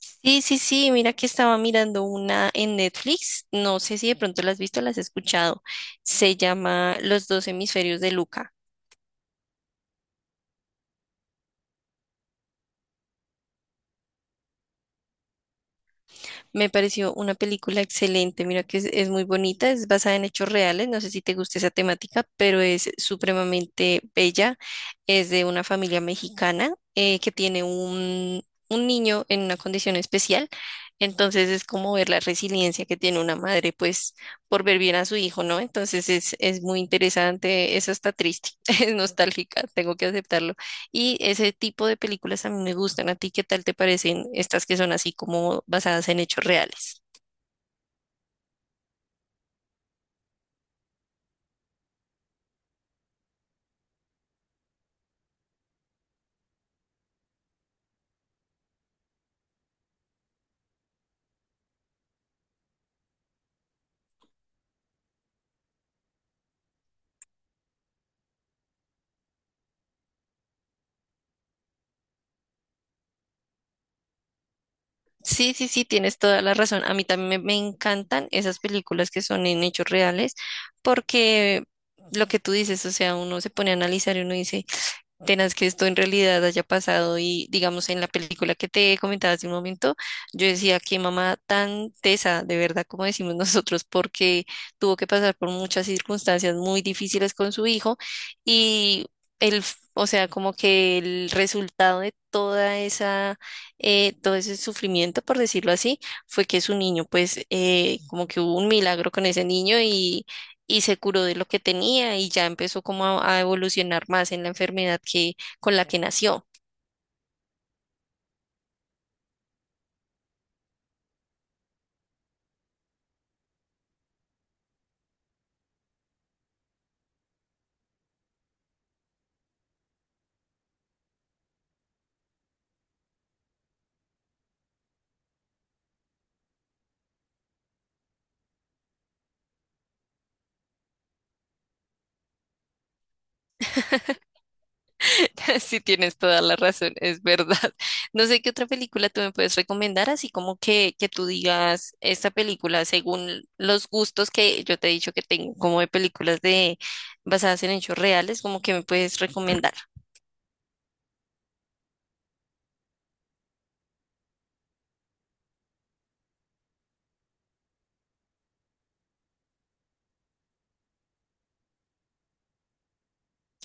Sí, sí, sí, mira que estaba mirando una en Netflix, no sé si de pronto la has visto, la has escuchado, se llama Los dos hemisferios de Luca. Me pareció una película excelente. Mira que es muy bonita, es basada en hechos reales. No sé si te gusta esa temática, pero es supremamente bella. Es de una familia mexicana que tiene un niño en una condición especial. Entonces es como ver la resiliencia que tiene una madre, pues, por ver bien a su hijo, ¿no? Entonces es muy interesante. Es hasta triste, es nostálgica, tengo que aceptarlo. Y ese tipo de películas a mí me gustan. ¿A ti qué tal te parecen estas que son así como basadas en hechos reales? Sí, sí, sí, tienes toda la razón. A mí también me encantan esas películas que son en hechos reales porque lo que tú dices, o sea, uno se pone a analizar y uno dice, tenaz que esto en realidad haya pasado y digamos en la película que te comentaba hace un momento, yo decía que mamá tan tesa, de verdad, como decimos nosotros, porque tuvo que pasar por muchas circunstancias muy difíciles con su hijo y o sea, como que el resultado de toda esa, todo ese sufrimiento, por decirlo así, fue que su niño, pues, como que hubo un milagro con ese niño y se curó de lo que tenía y ya empezó como a evolucionar más en la enfermedad que con la que nació. Sí, tienes toda la razón, es verdad. No sé qué otra película tú me puedes recomendar, así como que tú digas esta película según los gustos que yo te he dicho que tengo, como de películas de basadas en hechos reales, como que me puedes recomendar.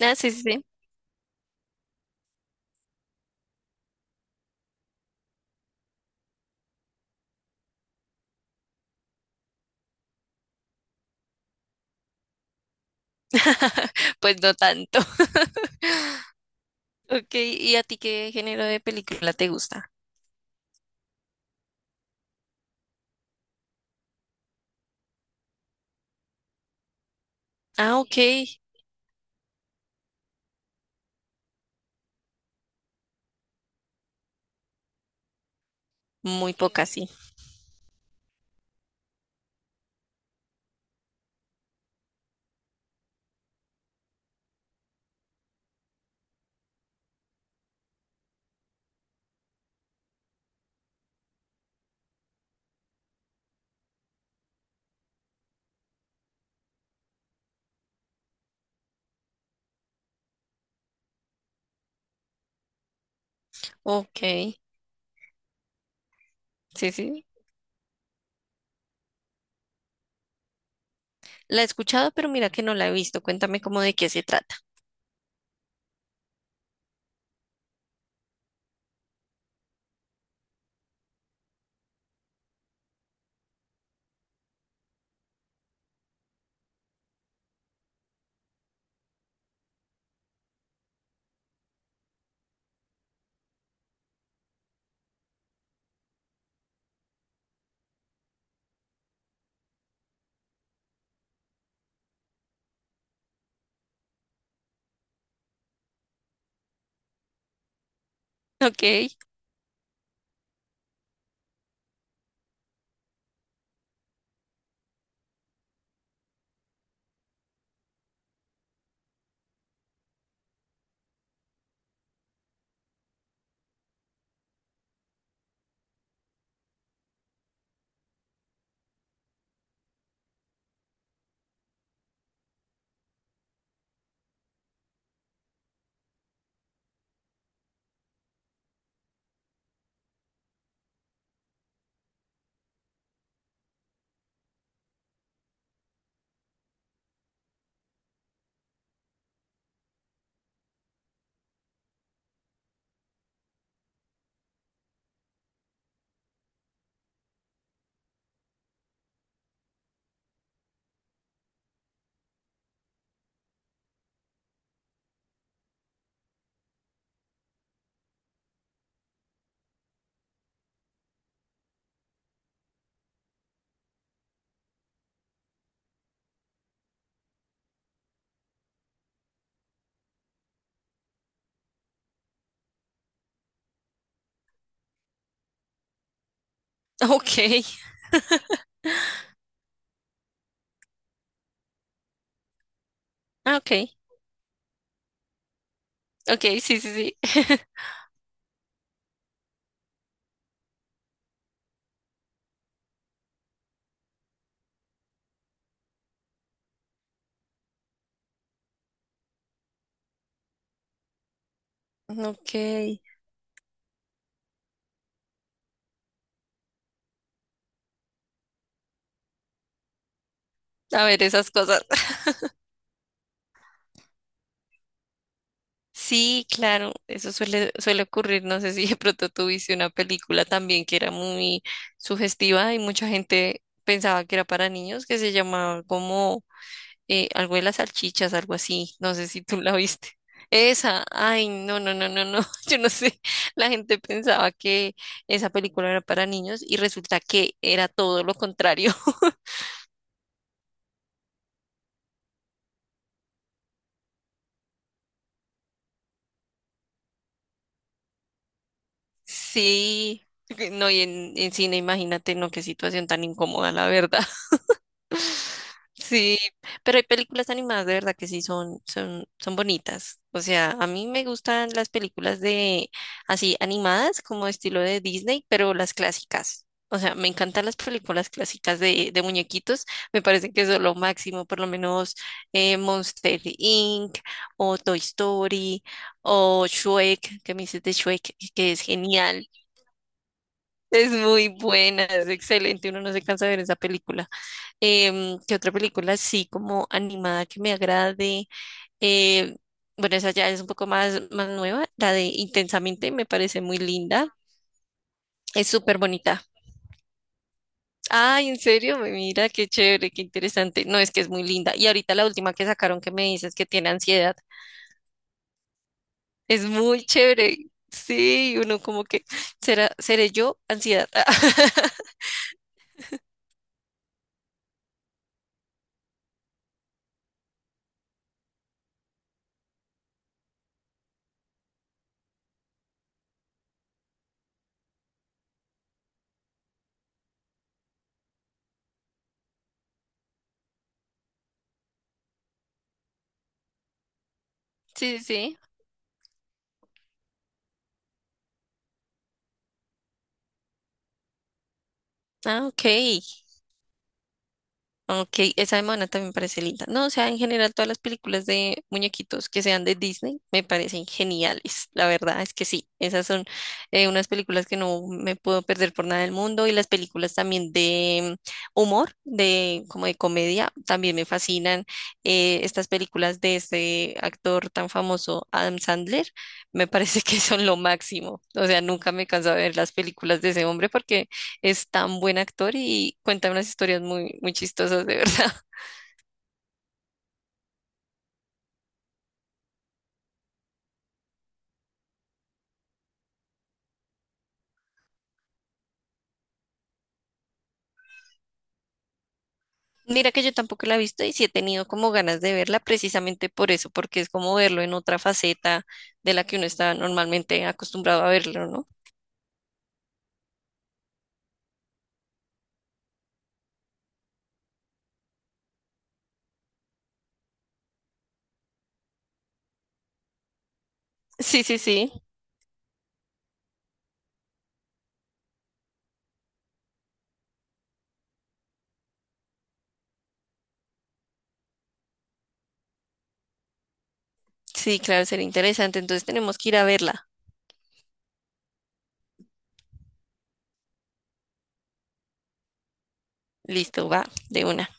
Ah, sí, sí, sí. Pues no tanto. Ok, ¿y a ti qué género de película te gusta? Ah, ok, muy poca, sí. Ok. Sí, sí. La he escuchado, pero mira que no la he visto. Cuéntame cómo de qué se trata. Ok, ok, ah, ok, ok, sí, sí, sí. Ok. A ver, esas cosas. Sí, claro, eso suele, suele ocurrir. No sé si de pronto tuviste una película también que era muy sugestiva y mucha gente pensaba que era para niños, que se llamaba como algo de las salchichas, algo así, no sé si tú la viste. Esa, ay, no, no, no, no, no, yo no sé, la gente pensaba que esa película era para niños y resulta que era todo lo contrario. Sí, no, y en cine, imagínate, no, qué situación tan incómoda, la verdad. Sí, pero hay películas animadas de verdad que sí son bonitas. O sea, a mí me gustan las películas de así animadas como estilo de Disney, pero las clásicas. O sea, me encantan las películas clásicas de muñequitos. Me parece que eso es lo máximo, por lo menos Monster Inc. o Toy Story o Shrek, que me dices de Shrek, que es genial. Es muy buena, es excelente. Uno no se cansa de ver esa película. Em, ¿qué otra película así como animada que me agrade? Em, bueno, esa ya es un poco más, más nueva, la de Intensamente me parece muy linda, es súper bonita. Ay, en serio, mira qué chévere, qué interesante. No, es que es muy linda. Y ahorita la última que sacaron que me dices que tiene ansiedad, es muy chévere. Sí, uno como que seré yo ansiedad. Sí, sí. Sí. Ah, ok. Ok, esa de Moana también me parece linda. No, o sea, en general todas las películas de muñequitos que sean de Disney me parecen geniales. La verdad es que sí, esas son unas películas que no me puedo perder por nada del mundo y las películas también de humor, de como de comedia, también me fascinan. Estas películas de este actor tan famoso, Adam Sandler, me parece que son lo máximo. O sea, nunca me canso de ver las películas de ese hombre porque es tan buen actor y cuenta unas historias muy, muy chistosas, de verdad. Mira que yo tampoco la he visto y sí he tenido como ganas de verla precisamente por eso, porque es como verlo en otra faceta de la que uno está normalmente acostumbrado a verlo, ¿no? Sí, sí, sí, sí, claro, sería interesante. Entonces tenemos que ir a verla. Listo, va, de una.